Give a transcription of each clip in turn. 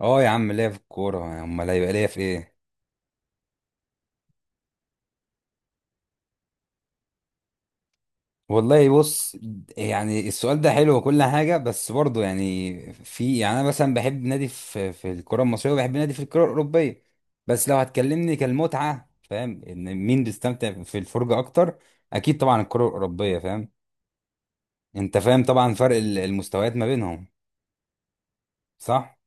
اه يا عم، ليا في الكورة. امال هيبقى ليا في ايه؟ والله بص، يعني السؤال ده حلو وكل حاجة، بس برضه يعني في يعني انا مثلا بحب نادي في الكرة المصرية، وبحب نادي في الكرة الأوروبية. بس لو هتكلمني كالمتعة فاهم ان مين بيستمتع في الفرجة اكتر؟ اكيد طبعا الكرة الأوروبية. فاهم؟ انت فاهم طبعا فرق المستويات ما بينهم. صح.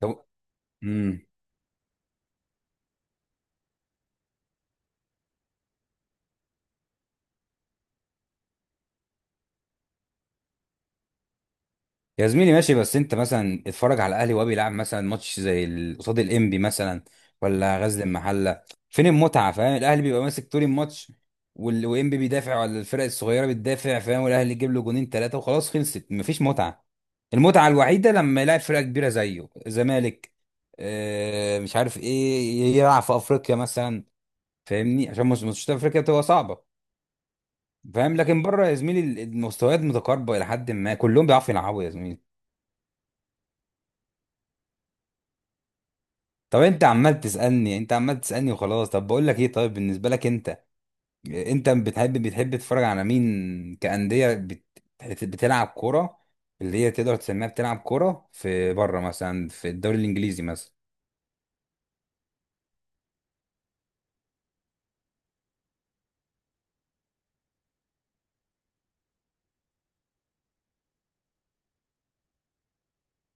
طب. امم. يا زميلي ماشي، بس انت مثلا اتفرج على الاهلي وهو بيلعب مثلا ماتش زي قصاد الانبي مثلا، ولا غزل المحله. فين المتعه؟ فاهم، الاهلي بيبقى ماسك طول الماتش، وانبي بيدافع، ولا الفرق الصغيره بتدافع، فاهم، والاهلي يجيب له جونين ثلاثه، وخلاص خلصت، مفيش متعه. المتعه الوحيده لما يلعب فرقه كبيره زيه، زمالك. اه مش عارف ايه، يلعب في افريقيا مثلا. فاهمني، عشان مش افريقيا بتبقى صعبه. فاهم؟ لكن بره يا زميلي المستويات متقاربه الى حد ما، كلهم بيعرفوا يلعبوا يا زميلي. طب. انت عمال تسألني، وخلاص طب بقول لك ايه. طيب بالنسبة لك انت، انت بتحب تتفرج على مين كأندية بتلعب كورة، اللي هي تقدر تسميها بتلعب كورة، في بره مثلا في الدوري الانجليزي مثلا.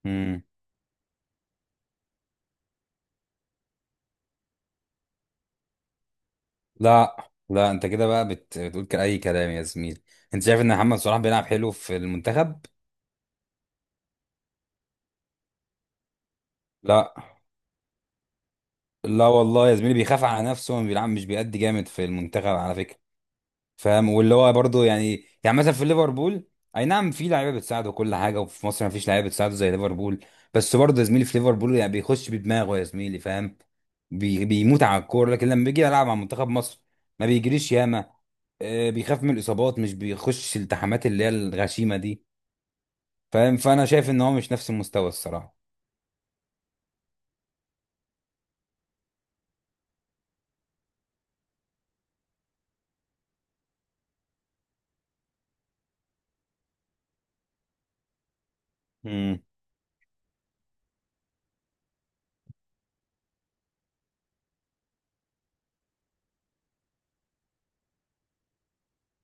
امم. لا لا، انت كده بقى بتقول اي كلام يا زميلي. انت شايف ان محمد صلاح بيلعب حلو في المنتخب؟ لا لا، والله يا زميلي بيخاف على نفسه، وما بيلعب، مش بيأدي جامد في المنتخب على فكرة. فاهم، واللي هو برضه يعني مثلا في ليفربول اي نعم في لعيبه بتساعده وكل حاجه، وفي مصر ما فيش لعيبه بتساعده زي ليفربول. بس برضه يا زميلي، في ليفربول يعني بيخش بدماغه يا زميلي، فاهم، بيموت على الكوره. لكن لما بيجي يلعب مع منتخب مصر ما بيجريش ياما. بيخاف من الاصابات، مش بيخش الالتحامات اللي هي الغشيمه دي. فاهم، فانا شايف ان هو مش نفس المستوى الصراحه.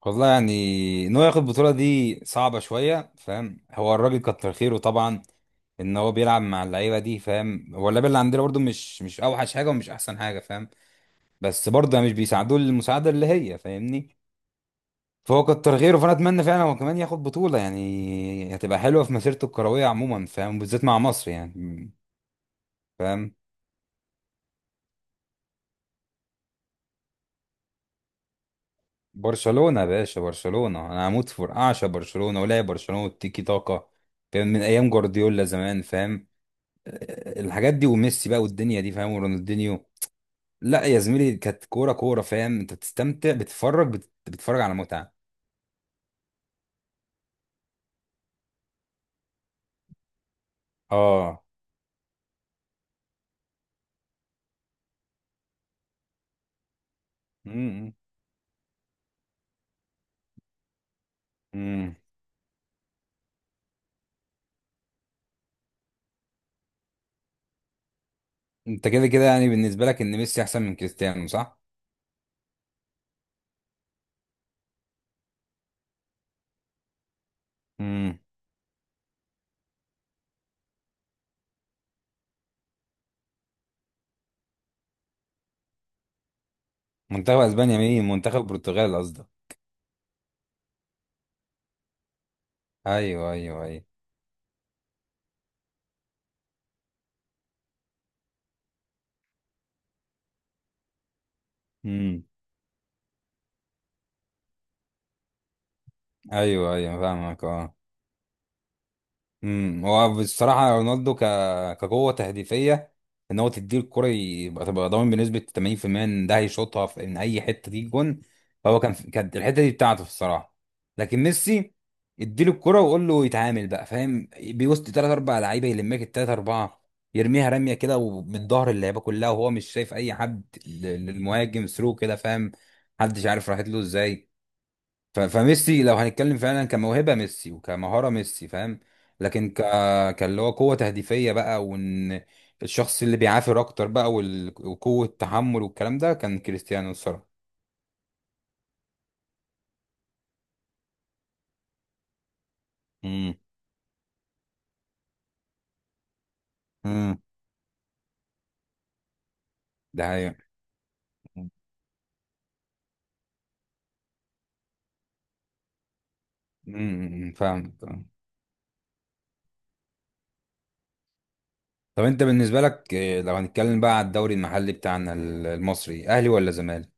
والله يعني ان هو ياخد البطوله دي صعبه شويه. فاهم، هو الراجل كتر خيره طبعا ان هو بيلعب مع اللعيبه دي. فاهم، هو اللعيبه اللي عندنا برضو مش اوحش حاجه ومش احسن حاجه. فاهم، بس برضه مش بيساعدوه المساعده اللي هي، فاهمني. فهو كتر خيره، فانا اتمنى فعلا هو كمان ياخد بطوله، يعني هتبقى حلوه في مسيرته الكرويه عموما، فاهم، بالذات مع مصر يعني. فاهم، برشلونه يا باشا، برشلونه. انا هموت في اعشى برشلونه ولاعب برشلونه والتيكي تاكا، فاهم، من ايام جوارديولا زمان. فاهم، الحاجات دي وميسي بقى والدنيا دي، فاهم، ورونالدينيو. لا يا زميلي كانت كوره كوره. فاهم، انت بتستمتع، بتتفرج، بتتفرج على متعه. اه. امم. امم. انت كده كده يعني بالنسبه لك ان ميسي احسن من كريستيانو، صح؟ امم. منتخب اسبانيا؟ مين، منتخب البرتغال قصدك. ايوه، ايوه، ايوه. امم. ايوه، ايوه، فاهمك. اه. امم. هو بصراحه رونالدو كقوه تهديفيه، ان هو تديه الكره يبقى تبقى ضامن بنسبه 80% ان ده هيشوطها في ان اي حته دي جون. فهو كانت الحته دي بتاعته الصراحه. لكن ميسي، اديله الكره وقول له يتعامل بقى. فاهم، بيوسط ثلاث اربع لعيبه، يلمك الثلاث اربعه، يرميها رميه كده ومن ظهر اللعيبه كلها وهو مش شايف اي حد للمهاجم ثرو كده. فاهم، محدش عارف راحت له ازاي. ف- فميسي لو هنتكلم فعلا كموهبة ميسي وكمهارة ميسي، فاهم. لكن كاللي هو قوة تهديفية بقى، وان الشخص اللي بيعافر اكتر بقى، وقوة تحمل والكلام ده كان كريستيانو الصراحة. امم. امم. ده حقيقة. امم. فاهم. طب انت بالنسبة لك إيه، لو هنتكلم بقى على الدوري المحلي بتاعنا، المصري، اهلي ولا زمالك؟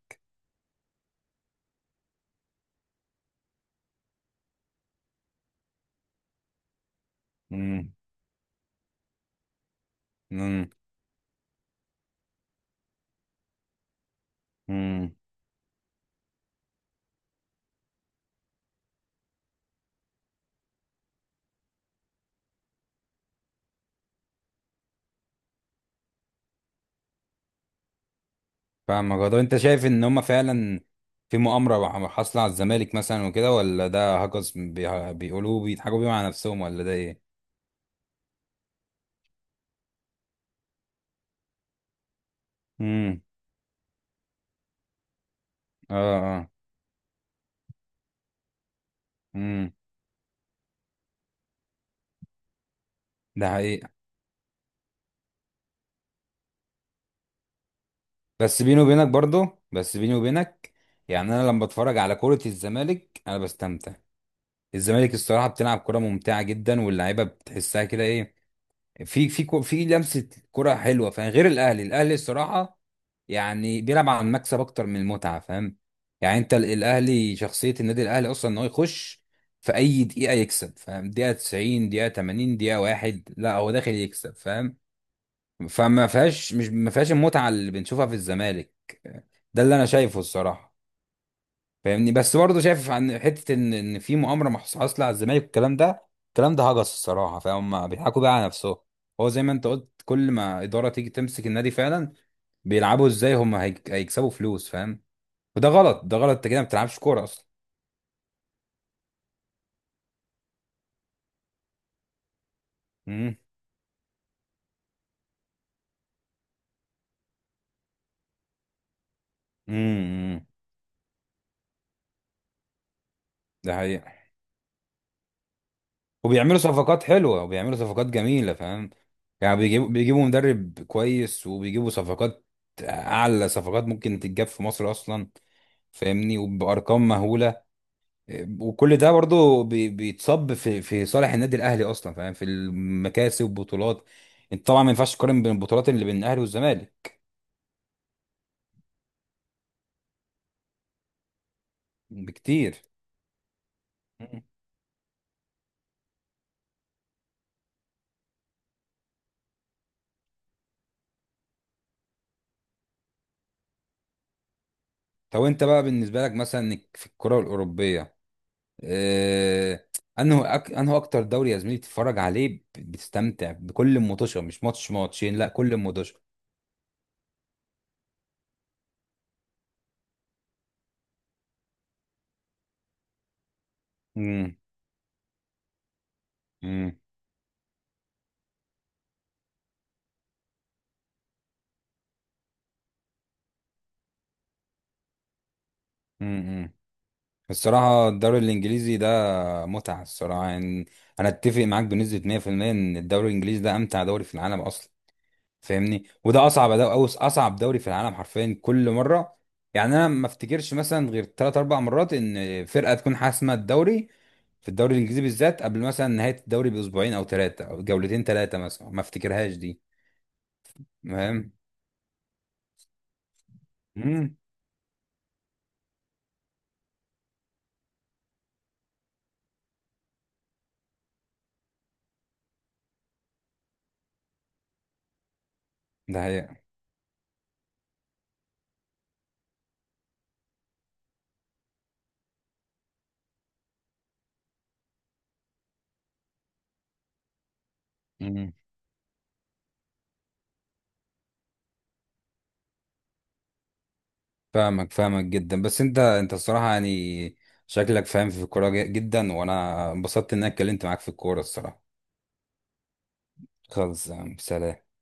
امم. امم. فاهمك. هو طب انت شايف ان هما فعلا في مؤامرة حاصلة على الزمالك مثلا وكده، ولا ده هجس بيقولوه، بيضحكوا بيه مع نفسهم، ولا ده ايه؟ امم. اه. اه. امم. ده حقيقة. بس بيني وبينك، برضه بس بيني وبينك، يعني انا لما بتفرج على كرة الزمالك انا بستمتع. الزمالك الصراحة بتلعب كرة ممتعة جدا، واللعيبة بتحسها كده ايه، في في لمسة كرة حلوة. فاهم، غير الاهلي. الاهلي الصراحة يعني بيلعب على المكسب اكتر من المتعه. فاهم، يعني انت الاهلي، شخصيه النادي الاهلي اصلا ان هو يخش في اي دقيقه يكسب. فاهم، دقيقه 90 دقيقه 80 دقيقه واحد، لا هو داخل يكسب. فاهم، فما فيهاش مش ما فيهاش المتعه اللي بنشوفها في الزمالك. ده اللي انا شايفه الصراحه، فاهمني. بس برضه شايف عن حته ان في مؤامره حاصله على الزمالك والكلام ده. الكلام ده هجس الصراحه، فهم بيضحكوا بقى على نفسهم. هو زي ما انت قلت، كل ما اداره تيجي تمسك النادي، فعلا بيلعبوا ازاي هم هيكسبوا فلوس. فاهم، وده غلط، ده غلط، انت كده ما بتلعبش كوره اصلا. امم. امم. ده حقيقة. وبيعملوا صفقات حلوه، وبيعملوا صفقات جميله. فاهم، يعني بيجيبوا مدرب كويس، وبيجيبوا صفقات، اعلى صفقات ممكن تتجاب في مصر اصلا. فاهمني، وبارقام مهوله. وكل ده برضه بيتصب في صالح النادي الاهلي اصلا. فاهم، في المكاسب والبطولات. انت طبعا ما ينفعش تقارن بين البطولات اللي بين الاهلي والزمالك بكتير. مم. طب انت بقى بالنسبه لك مثلا في الكره الاوروبيه، اه، انه انه اكتر دوري يا زميلي بتتفرج عليه بتستمتع بكل مطوشه، مش ماتش ماتشين، لا كل مطوشه. امم. امم. الصراحة الدوري الإنجليزي ده متعة الصراحة يعني. أنا أتفق معاك بنسبة 100% إن الدوري الإنجليزي ده أمتع دوري في العالم أصلا. فاهمني، وده أصعب دوري، أو أصعب دوري في العالم حرفيا كل مرة. يعني أنا ما أفتكرش مثلا غير تلات أربع مرات إن فرقة تكون حاسمة الدوري، في الدوري الإنجليزي بالذات، قبل مثلا نهاية الدوري بأسبوعين أو ثلاثة، أو جولتين ثلاثة مثلا، ما أفتكرهاش دي. فاهم؟ مم، ده حقيقة. فاهمك، فاهمك جدا. بس انت الصراحة يعني، شكلك فاهم في الكورة جدا، وانا انبسطت ان اتكلمت معاك في الكورة الصراحة. خلص يا عم، سلام.